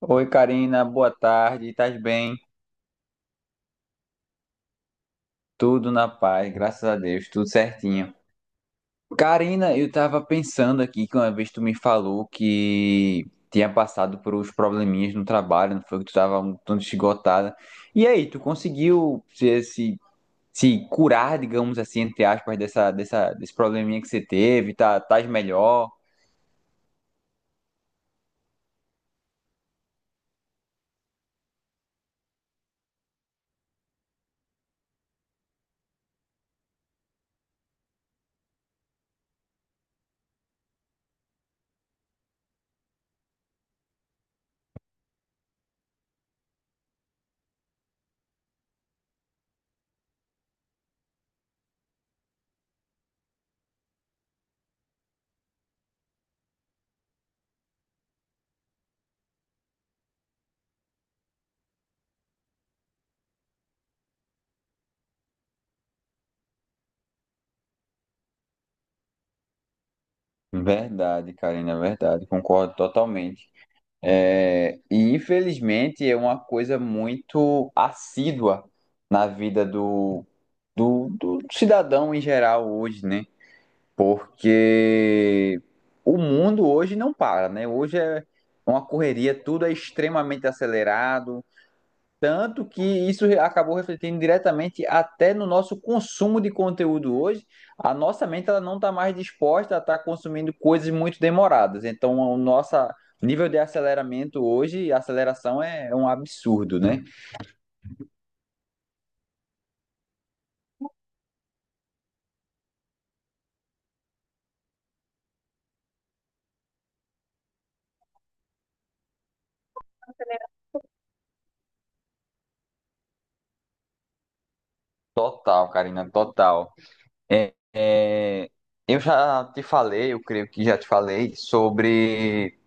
Oi, Karina, boa tarde. Estás bem? Tudo na paz, graças a Deus, tudo certinho. Karina, eu tava pensando aqui que uma vez tu me falou que tinha passado por uns probleminhas no trabalho, não foi que tu tava um tanto esgotada. E aí, tu conseguiu se curar, digamos assim, entre aspas, desse probleminha que você teve? Tá, tás melhor? Verdade, Karina, é verdade, concordo totalmente. É, e infelizmente é uma coisa muito assídua na vida do cidadão em geral hoje, né? Porque o mundo hoje não para, né? Hoje é uma correria, tudo é extremamente acelerado, tanto que isso acabou refletindo diretamente até no nosso consumo de conteúdo hoje. A nossa mente ela não está mais disposta a estar consumindo coisas muito demoradas. Então, o nosso nível de aceleramento hoje, a aceleração é um absurdo, né? Total, Karina, total. É, é, eu já te falei, eu creio que já te falei, sobre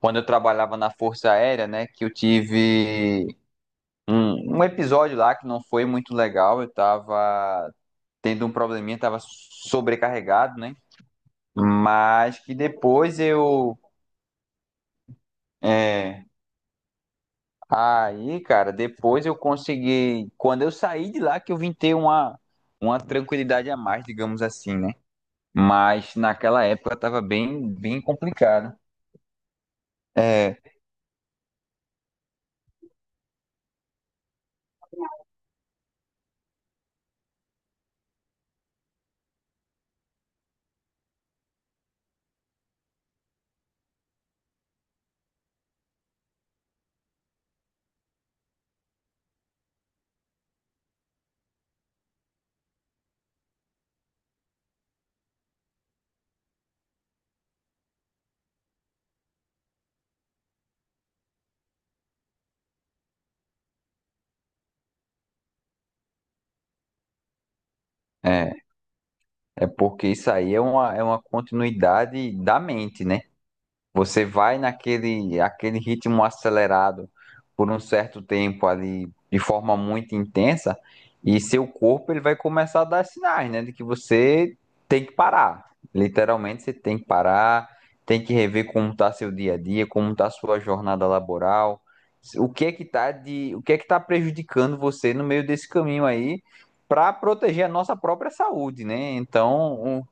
quando eu trabalhava na Força Aérea, né? Que eu tive um episódio lá que não foi muito legal. Eu estava tendo um probleminha, estava sobrecarregado, né? Mas que depois eu. é, aí, cara, depois eu consegui. Quando eu saí de lá, que eu vim ter uma tranquilidade a mais, digamos assim, né? Mas naquela época estava bem, bem complicado. É, é, é porque isso aí é uma continuidade da mente, né? Você vai naquele aquele ritmo acelerado por um certo tempo ali, de forma muito intensa, e seu corpo ele vai começar a dar sinais, né, de que você tem que parar. Literalmente você tem que parar, tem que rever como está seu dia a dia, como está sua jornada laboral, o que é que tá prejudicando você no meio desse caminho aí, para proteger a nossa própria saúde, né? Então,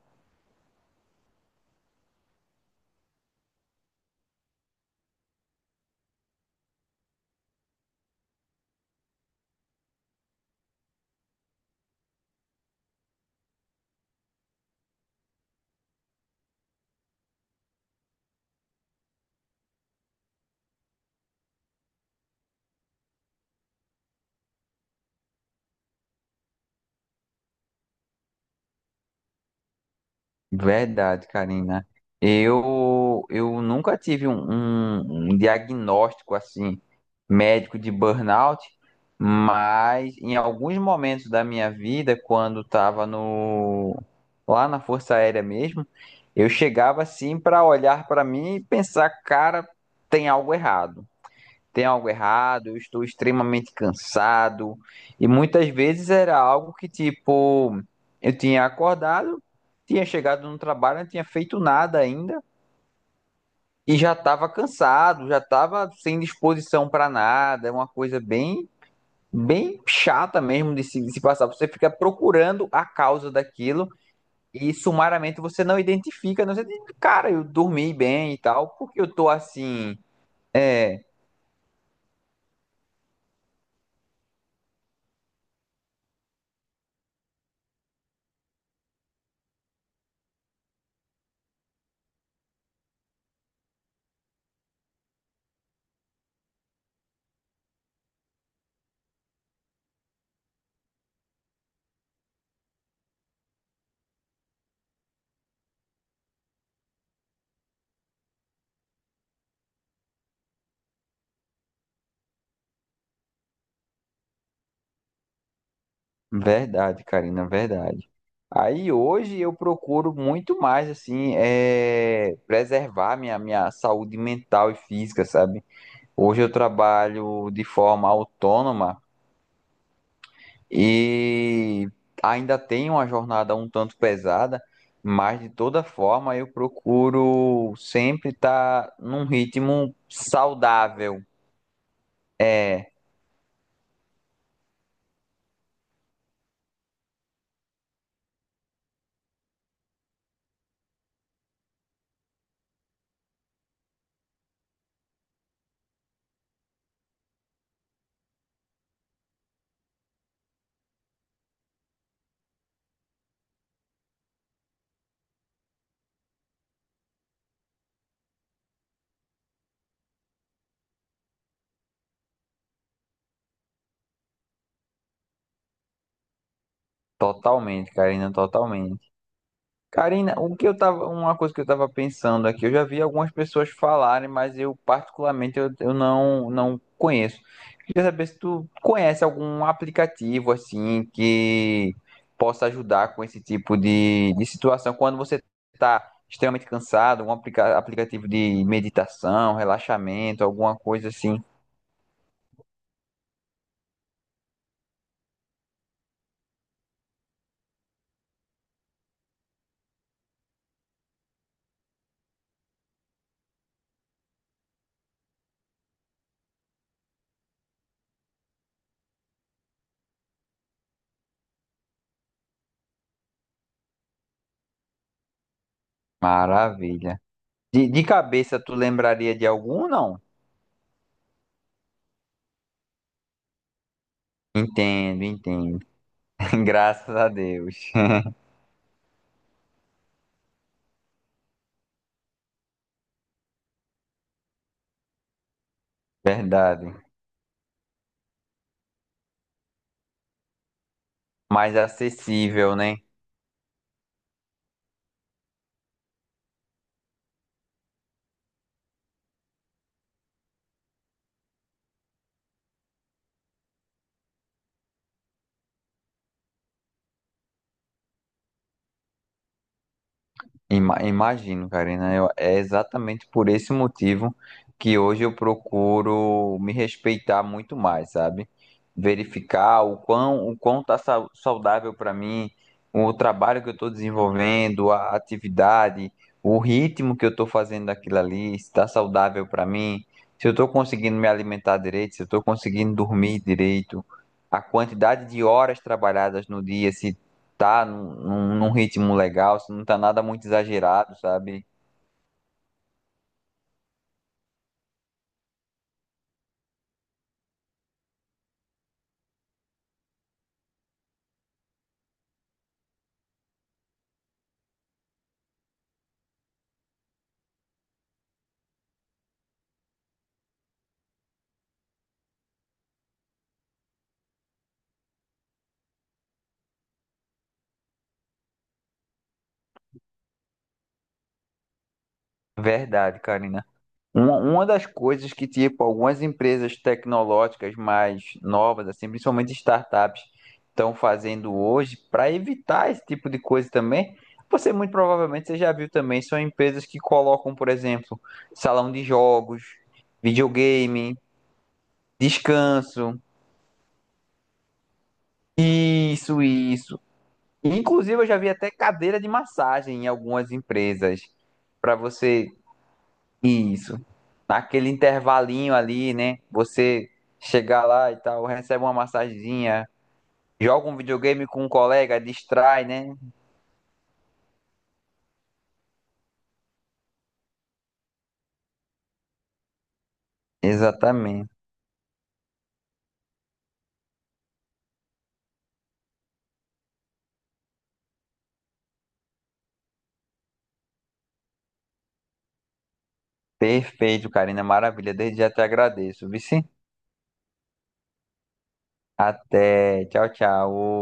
verdade, Karina. Eu nunca tive um diagnóstico assim médico de burnout, mas em alguns momentos da minha vida, quando estava no lá na Força Aérea mesmo, eu chegava assim para olhar para mim e pensar, cara, tem algo errado, tem algo errado, eu estou extremamente cansado. E muitas vezes era algo que, tipo, eu tinha acordado, tinha chegado no trabalho, não tinha feito nada ainda e já estava cansado, já estava sem disposição para nada. É uma coisa bem, bem chata mesmo de se passar. Você fica procurando a causa daquilo. E sumariamente você não identifica, não sei, cara, eu dormi bem e tal, porque eu tô assim, é, verdade, Karina, verdade. Aí hoje eu procuro muito mais assim, é, preservar minha saúde mental e física, sabe? Hoje eu trabalho de forma autônoma e ainda tenho uma jornada um tanto pesada, mas de toda forma eu procuro sempre estar num ritmo saudável, totalmente. Karina, o que eu tava, uma coisa que eu estava pensando aqui, eu já vi algumas pessoas falarem, mas eu particularmente eu não conheço. Queria saber se tu conhece algum aplicativo assim que possa ajudar com esse tipo de situação quando você está extremamente cansado, algum aplicativo de meditação, relaxamento, alguma coisa assim. Maravilha. De cabeça, tu lembraria de algum, não? Entendo, entendo. Graças a Deus. Verdade. Mais acessível, né? Imagino, Karina. É exatamente por esse motivo que hoje eu procuro me respeitar muito mais, sabe? Verificar o quão tá saudável para mim, o trabalho que eu estou desenvolvendo, a atividade, o ritmo que eu estou fazendo aquilo ali, se está saudável para mim, se eu estou conseguindo me alimentar direito, se eu estou conseguindo dormir direito, a quantidade de horas trabalhadas no dia, se tá num ritmo legal, se não tá nada muito exagerado, sabe? Verdade, Karina. Uma das coisas que, tipo, algumas empresas tecnológicas mais novas, assim, principalmente startups, estão fazendo hoje para evitar esse tipo de coisa também. Você muito provavelmente você já viu também, são empresas que colocam, por exemplo, salão de jogos, videogame, descanso, isso. Inclusive, eu já vi até cadeira de massagem em algumas empresas para você isso. Naquele intervalinho ali, né? Você chegar lá e tal, recebe uma massagenzinha, joga um videogame com um colega, distrai, né? Exatamente. Perfeito, Karina. Maravilha. Desde já te agradeço. Vici? Até. Tchau, tchau.